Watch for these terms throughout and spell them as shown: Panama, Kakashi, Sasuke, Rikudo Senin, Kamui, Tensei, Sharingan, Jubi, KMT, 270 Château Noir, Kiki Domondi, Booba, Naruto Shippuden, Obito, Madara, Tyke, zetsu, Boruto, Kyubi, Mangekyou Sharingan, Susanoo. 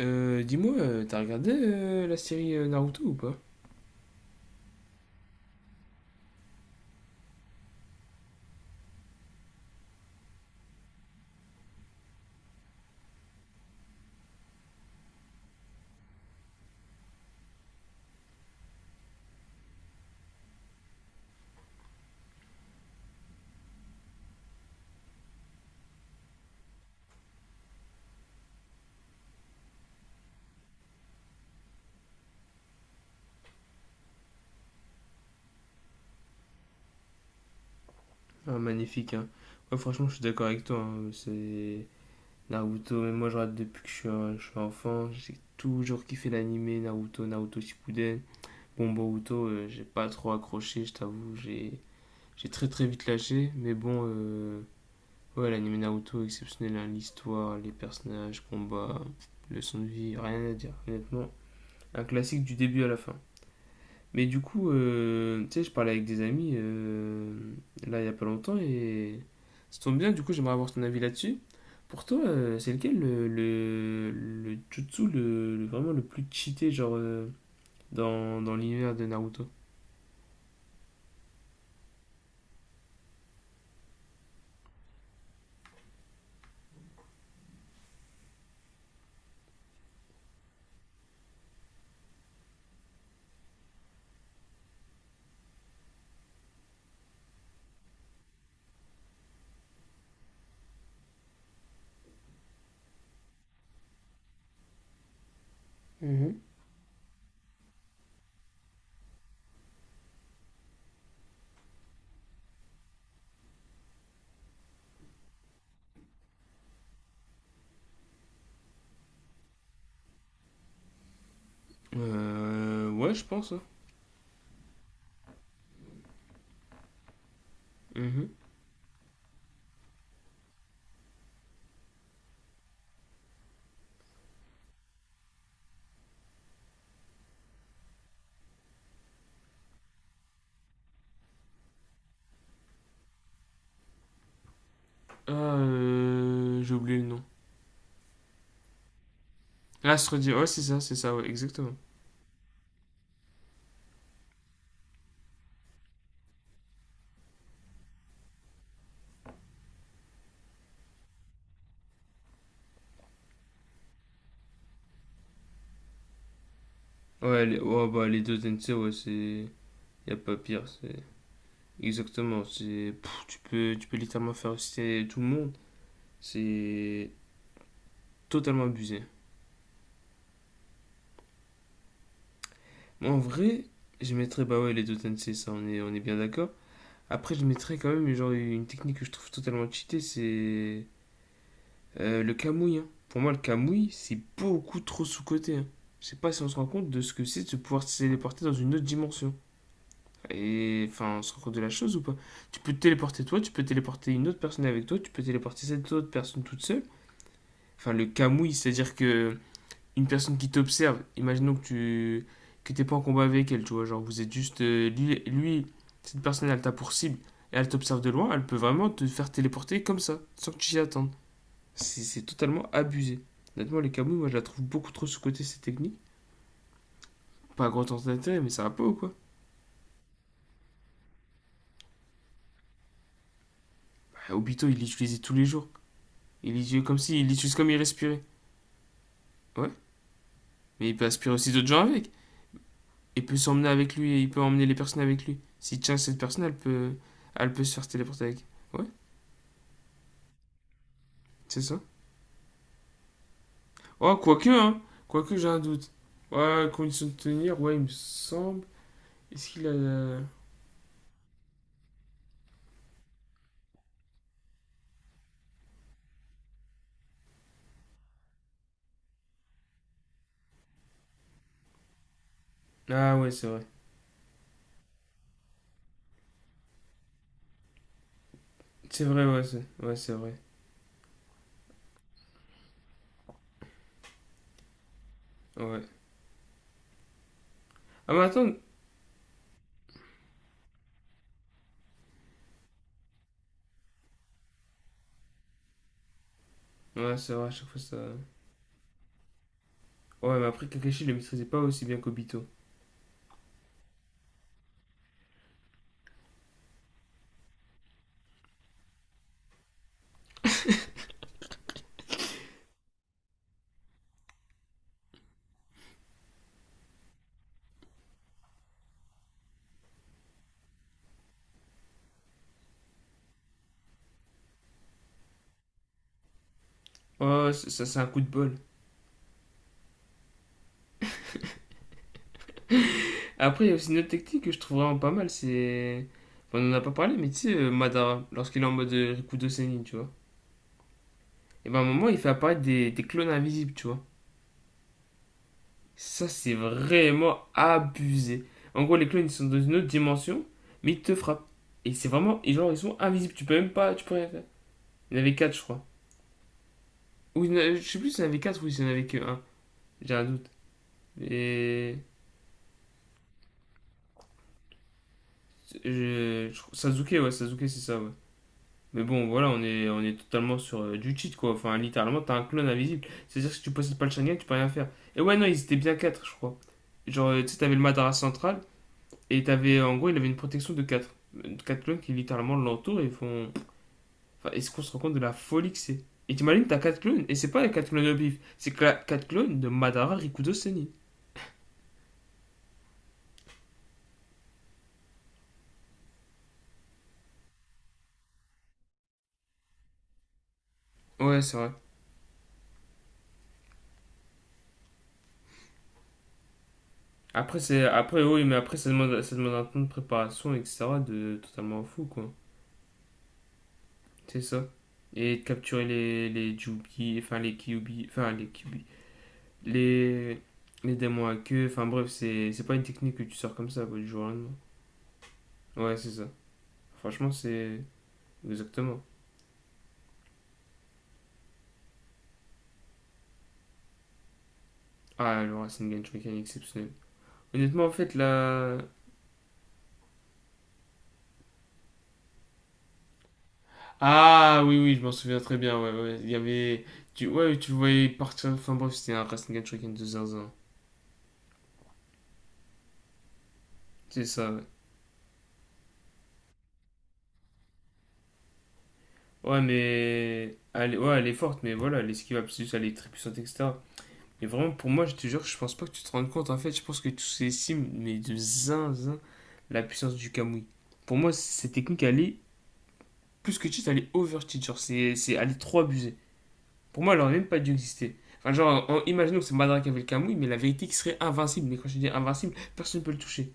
Dis-moi, t'as regardé la série Naruto ou pas? Ah, magnifique, hein. Ouais, franchement, je suis d'accord avec toi, hein. C'est Naruto, même moi, je regarde depuis que je suis, je suis enfant. J'ai toujours kiffé l'animé Naruto, Naruto Shippuden. Bon, Boruto, j'ai pas trop accroché, je t'avoue. J'ai très très vite lâché. Mais bon, ouais, l'animé Naruto, exceptionnel, hein. L'histoire, les personnages, combats, leçons de vie, rien à dire. Honnêtement, un classique du début à la fin. Mais du coup, tu sais, je parlais avec des amis là il y a pas longtemps et ça tombe bien, du coup, j'aimerais avoir ton avis là-dessus. Pour toi, c'est lequel le jutsu vraiment le plus cheaté genre dans l'univers de Naruto? Mhm. Ouais, je pense, hein. Mhm. Ah, j'ai oublié le nom. L'astre dit, ouais, c'est ça, ouais, exactement. Ouais, les, ouais, bah, les deux Tensei, ouais, c'est. Y a pas pire, c'est. Exactement, c'est pff, tu peux littéralement faire citer tout le monde, c'est totalement abusé. Moi, en vrai, je mettrais bah ouais les deux Tensei, ça on est bien d'accord. Après je mettrais quand même genre une technique que je trouve totalement cheatée, c'est le Kamui, hein. Pour moi le Kamui, c'est beaucoup trop sous-coté, hein. Je sais pas si on se rend compte de ce que c'est de se pouvoir se téléporter dans une autre dimension. Et enfin, on se rend compte de la chose ou pas? Tu peux te téléporter toi, tu peux téléporter une autre personne avec toi, tu peux téléporter cette autre personne toute seule. Enfin le camouille, c'est-à-dire que une personne qui t'observe, imaginons que t'es pas en combat avec elle, tu vois, genre vous êtes juste lui, cette personne elle t'a pour cible et elle t'observe de loin, elle peut vraiment te faire téléporter comme ça, sans que tu t'y attendes. C'est totalement abusé. Honnêtement, les camouilles, moi je la trouve beaucoup trop sous-cotée cette technique. Pas grand temps d'intérêt, mais ça va pas ou quoi? Bah, Obito, il l'utilisait tous les jours. Il l'utilisait comme si, il l'utilise comme il respirait. Ouais, mais il peut aspirer aussi d'autres gens avec. Il peut s'emmener avec lui et il peut emmener les personnes avec lui. S'il tient cette personne, elle peut se faire téléporter avec. Ouais, c'est ça. Oh, quoique, hein. Quoique, j'ai un doute. Ouais, condition de tenir, ouais, il me semble. Est-ce qu'il a. Ah, ouais, c'est vrai. C'est vrai, ouais, c'est vrai. Ouais. Ah, mais attends. Ouais, c'est vrai, à chaque fois ça. Ouais, mais après, Kakashi il le maîtrisait pas aussi bien qu'Obito. Oh, ça, c'est un coup de bol. Après, il y a aussi une autre technique que je trouve vraiment pas mal, c'est. Enfin, on en a pas parlé, mais tu sais, Madara, lorsqu'il est en mode Rikudo Senin, tu vois. Et ben à un moment, il fait apparaître des clones invisibles, tu vois. Ça, c'est vraiment abusé. En gros, les clones, ils sont dans une autre dimension, mais ils te frappent. Et c'est vraiment. Et genre, ils sont invisibles. Tu peux même pas. Tu peux rien faire. Il y en avait 4 je crois. Ou je sais plus s'il y en avait 4 ou s'il y en avait que un. J'ai un doute. Et. Sasuke, ouais, Sasuke, c'est ça, ouais. Mais bon, voilà, on est totalement sur du cheat, quoi. Enfin, littéralement, t'as un clone invisible. C'est-à-dire que si tu possèdes pas le Sharingan, tu peux rien faire. Et ouais, non, ils étaient bien 4 je crois. Genre, tu sais, t'avais le Madara central, et t'avais, en gros, il avait une protection de quatre clones qui littéralement l'entourent et font. Enfin, est-ce qu'on se rend compte de la folie que c'est? Et t'imagines, t'as 4 clones, et c'est pas les 4 clones de bif, c'est 4 clones de Madara Rikudo Senin. Ouais, c'est vrai. Après, après, oui, mais après, ça demande un temps de préparation, etc. de totalement fou, quoi. C'est ça. Et de capturer les Jubi, enfin les Kyubi, les, les démons à queue, enfin bref, c'est pas une technique que tu sors comme ça, quoi, du jour au lendemain. Ouais, c'est ça. Franchement, c'est. Exactement. Ah, le Racing a une mécanique exceptionnelle. Honnêtement, en fait, là. Ah, oui, oui, je m'en souviens très bien. Ouais, ouais. Il y avait. Ouais, tu le voyais partir. Enfin, bref, c'était un Racing and Shuriken de zinzin. C'est ça, ouais. Ouais, mais. Ouais, elle est forte, mais voilà, elle esquive absolue, elle est très puissante, etc. Et vraiment, pour moi, je te jure, je pense pas que tu te rendes compte. En fait, je pense que tous ces sims, mais de zinzin, la puissance du Kamui. Pour moi, cette technique, elle est plus que cheat, elle est over cheat. Genre, elle est trop abusée. Pour moi, elle aurait même pas dû exister. Enfin, genre, imaginons que c'est Madara qui avait le Kamui, mais la vérité qui serait invincible. Mais quand je dis invincible, personne ne peut le toucher.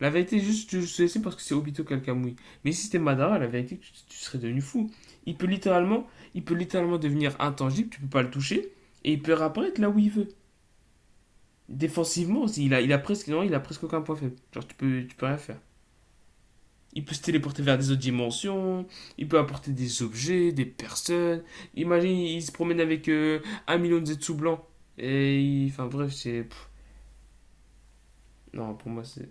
La vérité, juste, tu sais, c'est parce que c'est Obito qui a le Kamui. Mais si c'était Madara, la vérité, tu, serais devenu fou. Il peut littéralement, il peut littéralement devenir intangible, tu peux pas le toucher, et il peut réapparaître là où il veut. Défensivement aussi, il a presque, non, il a presque aucun point faible. Genre, tu peux rien faire. Il peut se téléporter vers des autres dimensions, il peut apporter des objets, des personnes. Imagine, il se promène avec un million de zetsu blancs. Et enfin bref, c'est. Non, pour moi, c'est.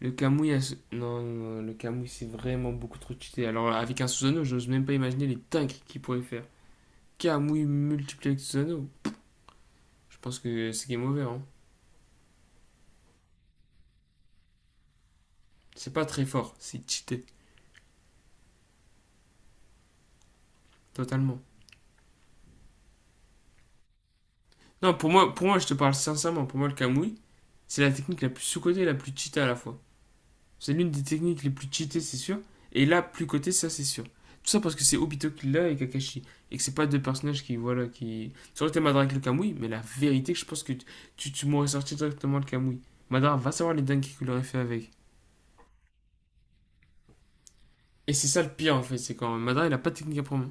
Le Kamui, a Non, non, non, le Kamui, c'est vraiment beaucoup trop cheaté. Alors, avec un Susanoo, je n'ose même pas imaginer les dingueries qu'il pourrait faire. Kamui multiplié avec Susanoo, je pense que c'est game over, hein. C'est pas très fort, c'est cheaté, totalement. Non, pour moi, je te parle sincèrement, pour moi, le Kamui, c'est la technique la plus sous-cotée et la plus cheatée à la fois. C'est l'une des techniques les plus cheatées, c'est sûr. Et là, plus côté, ça, c'est sûr. Tout ça parce que c'est Obito qui l'a et Kakashi. Et que c'est pas deux personnages qui, voilà, qui. Ça aurait été Madara avec le Kamui, mais la vérité, je pense que tu, m'aurais sorti directement le Kamui. Madara va savoir les dingues qu'il aurait fait avec. Et c'est ça le pire, en fait, c'est quand Madara, il a pas de technique à prendre.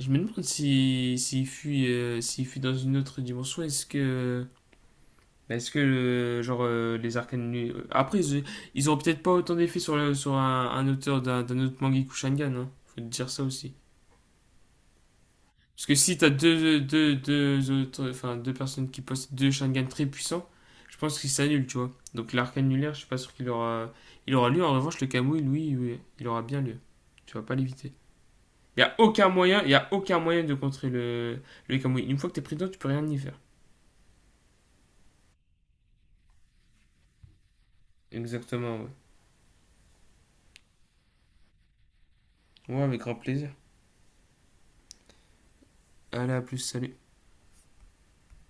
Je me demande s'il si, s'il fuit dans une autre dimension, est-ce que. Mais est-ce que, genre, les arcanes. Après, ils auront peut-être pas autant d'effet sur, sur un auteur d'un autre Mangekyou Shangan, hein. Faut te dire ça aussi. Parce que si t'as deux autres... Enfin, deux personnes qui possèdent deux Shangan très puissants, je pense qu'ils s'annulent, tu vois. Donc l'arcane annulaire, je suis pas sûr qu'il aura... Il aura lieu. En revanche, le Kamui, lui, oui, il aura bien lieu. Tu vas pas l'éviter. Il y a aucun moyen, il y a aucun moyen de contrer le Kamui. Une fois que t'es pris dedans, tu peux rien y faire. Exactement, ouais. Ouais, avec grand plaisir. Allez, à plus, salut.